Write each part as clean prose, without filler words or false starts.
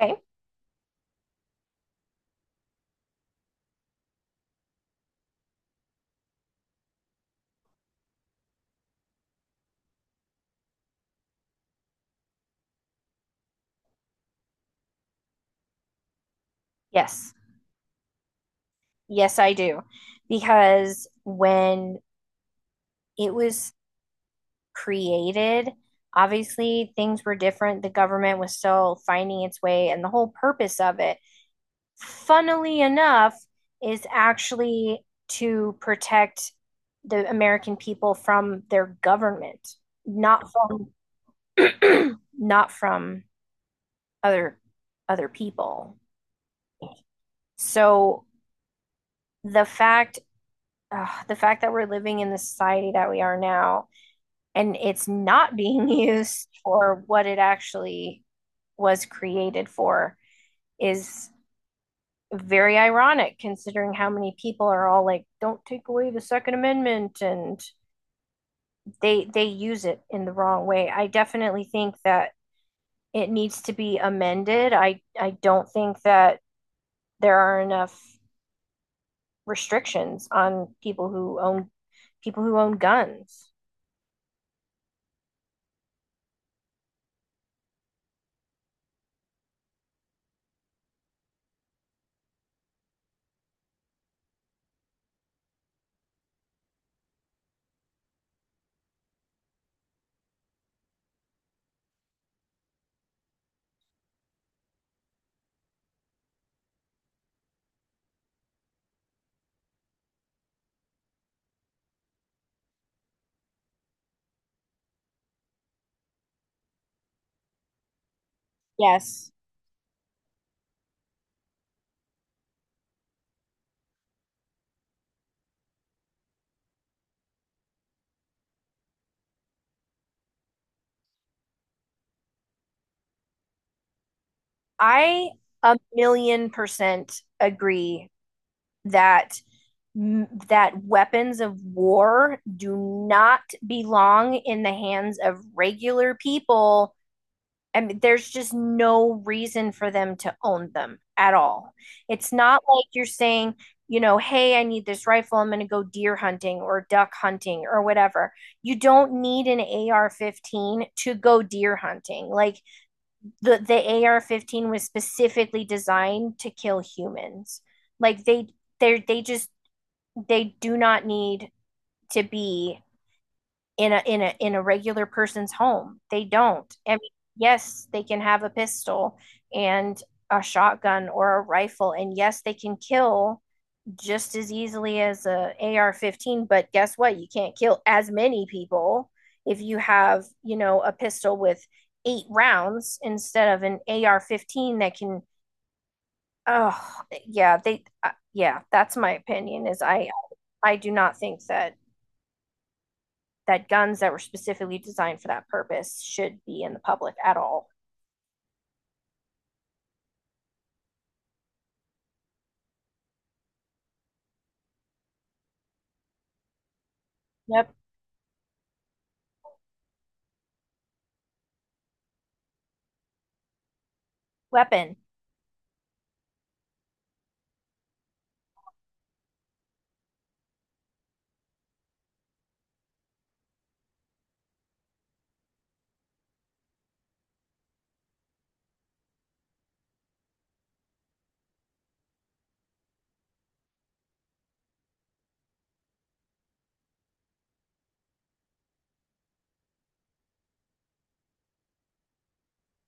Okay. Yes. Yes, I do. Because when it was created, obviously things were different. The government was still finding its way, and the whole purpose of it, funnily enough, is actually to protect the American people from their government, not from not from other other people. So the fact the fact that we're living in the society that we are now, and it's not being used for what it actually was created for, is very ironic considering how many people are all like, don't take away the Second Amendment, and they use it in the wrong way. I definitely think that it needs to be amended. I don't think that there are enough restrictions on people who own guns. Yes, I 1,000,000% agree that that weapons of war do not belong in the hands of regular people. I mean, there's just no reason for them to own them at all. It's not like you're saying, you know, hey, I need this rifle, I'm going to go deer hunting or duck hunting or whatever. You don't need an AR-15 to go deer hunting. Like the AR-15 was specifically designed to kill humans. Like they they just they do not need to be in a regular person's home. They don't. I mean, yes, they can have a pistol and a shotgun or a rifle, and yes, they can kill just as easily as a AR-15. But guess what? You can't kill as many people if you have a pistol with eight rounds instead of an AR-15 that can. Oh, yeah, they. Yeah, that's my opinion. Is I do not think that guns that were specifically designed for that purpose should be in the public at all. Yep. Weapon.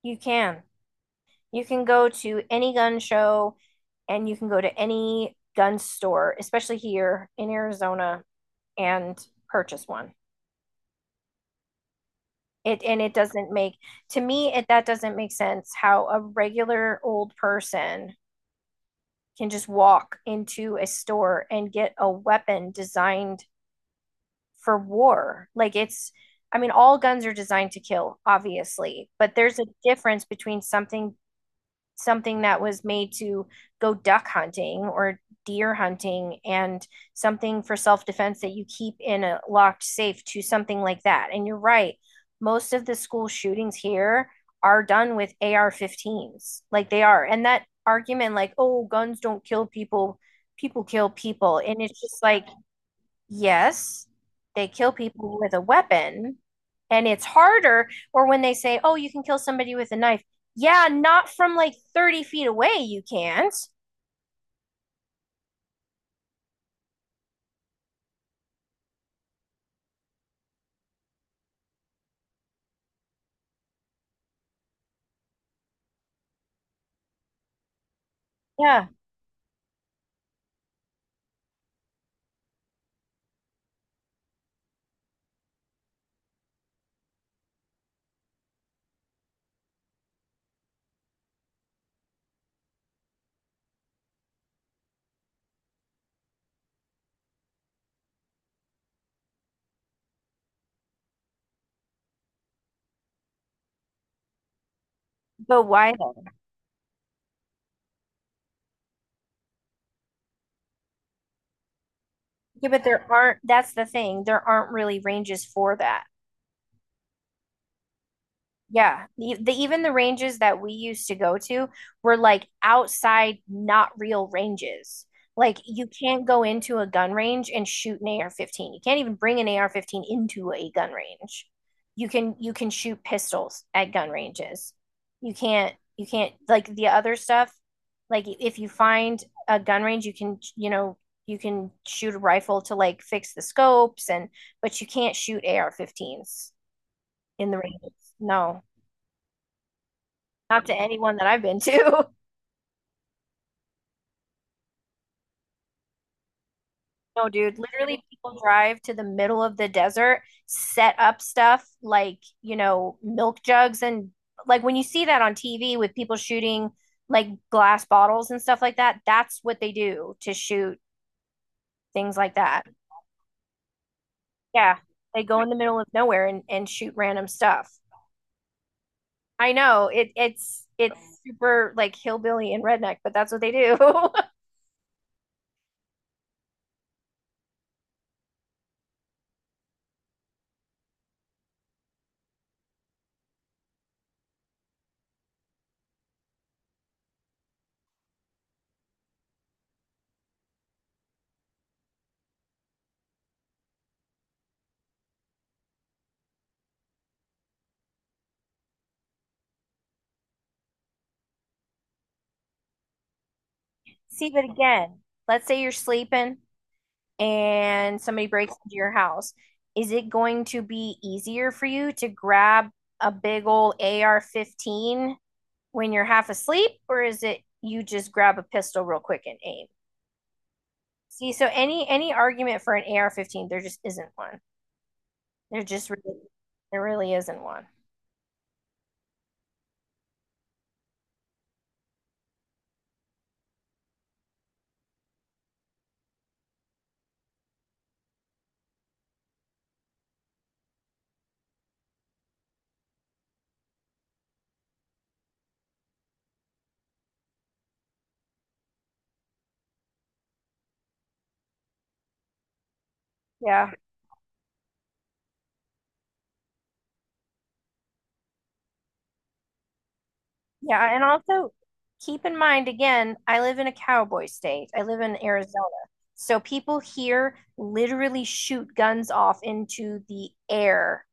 You can. You can go to any gun show and you can go to any gun store, especially here in Arizona, and purchase one. It and it doesn't make, to me it that doesn't make sense how a regular old person can just walk into a store and get a weapon designed for war. I mean, all guns are designed to kill, obviously, but there's a difference between something that was made to go duck hunting or deer hunting, and something for self-defense that you keep in a locked safe, to something like that. And you're right, most of the school shootings here are done with AR-15s. Like they are. And that argument like, "Oh, guns don't kill people, people kill people." And it's just like, yes, they kill people with a weapon, and it's harder. Or when they say, oh, you can kill somebody with a knife. Yeah, not from like 30 feet away, you can't. Yeah, but why though? Yeah, but there aren't, that's the thing. There aren't really ranges for that. Yeah, the even the ranges that we used to go to were like outside, not real ranges. Like you can't go into a gun range and shoot an AR-15. You can't even bring an AR-15 into a gun range. You can shoot pistols at gun ranges. You can't like the other stuff. Like if you find a gun range, you can, you can shoot a rifle to like fix the scopes and but you can't shoot AR-15s in the ranges. No. Not to anyone that I've been to. No, dude, literally people drive to the middle of the desert, set up stuff like, you know, milk jugs and like when you see that on TV with people shooting like glass bottles and stuff like that, that's what they do to shoot things like that. Yeah, they go in the middle of nowhere and shoot random stuff. I know it's super like hillbilly and redneck, but that's what they do. See, but again, let's say you're sleeping and somebody breaks into your house, is it going to be easier for you to grab a big old AR-15 when you're half asleep, or is it you just grab a pistol real quick and aim? See, so any argument for an AR-15, there just isn't one. There just really, there really isn't one. Yeah. Yeah, and also keep in mind again, I live in a cowboy state. I live in Arizona. So people here literally shoot guns off into the air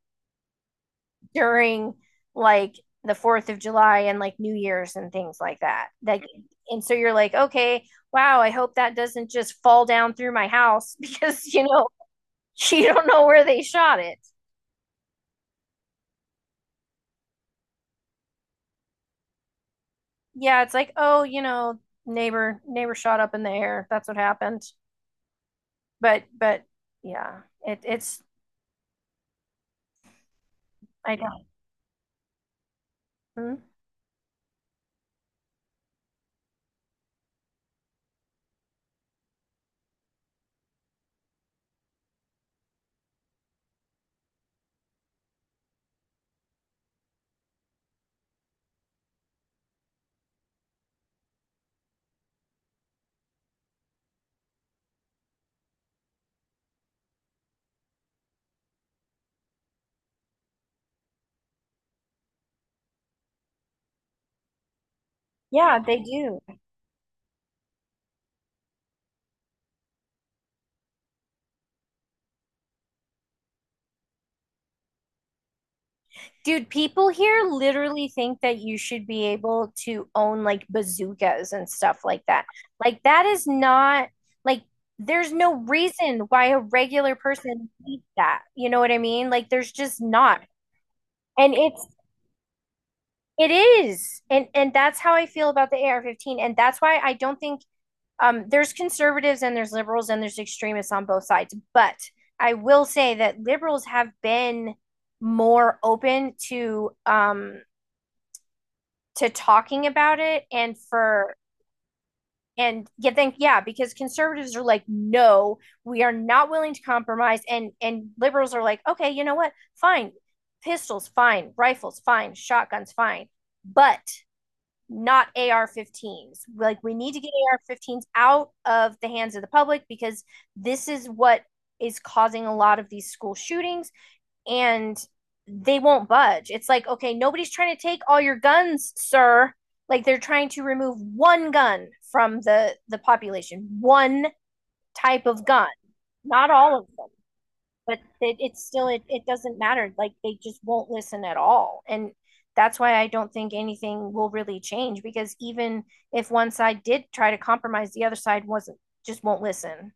during like the 4th of July and like New Year's and things like that. Like, and so you're like, "Okay, wow, I hope that doesn't just fall down through my house because, you know, you don't know where they shot it." Yeah, it's like, "Oh, you know, neighbor shot up in the air. That's what happened." But yeah, it it's I don't. Hmm? Yeah, they do. Dude, people here literally think that you should be able to own like bazookas and stuff like that. Like, that is not like there's no reason why a regular person needs that. You know what I mean? Like, there's just not. And it's, it is. And that's how I feel about the AR-15. And that's why I don't think, um, there's conservatives and there's liberals and there's extremists on both sides. But I will say that liberals have been more open to, talking about it, and for and yeah, think yeah, because conservatives are like, no, we are not willing to compromise, and liberals are like, okay, you know what, fine, pistols, fine, rifles, fine, shotguns, fine, but not AR-15s. Like we need to get AR-15s out of the hands of the public because this is what is causing a lot of these school shootings and they won't budge. It's like, okay, nobody's trying to take all your guns, sir. Like they're trying to remove one gun from the population, one type of gun, not all of them, but it's still it doesn't matter. Like they just won't listen at all, and that's why I don't think anything will really change because even if one side did try to compromise, the other side wasn't just won't listen.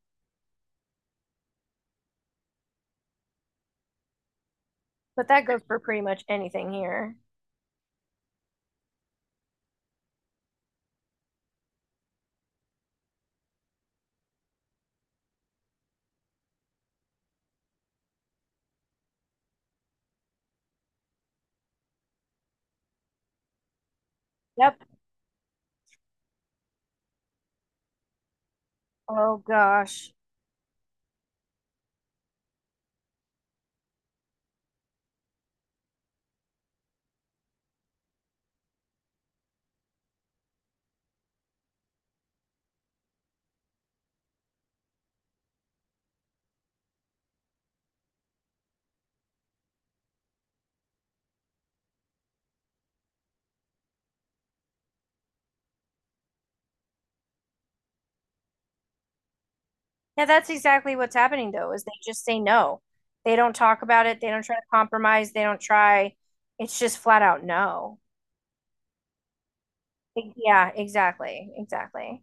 But that goes for pretty much anything here. Yep. Oh gosh. Yeah, that's exactly what's happening though, is they just say no. They don't talk about it. They don't try to compromise. They don't try. It's just flat out no. Yeah, exactly. Exactly.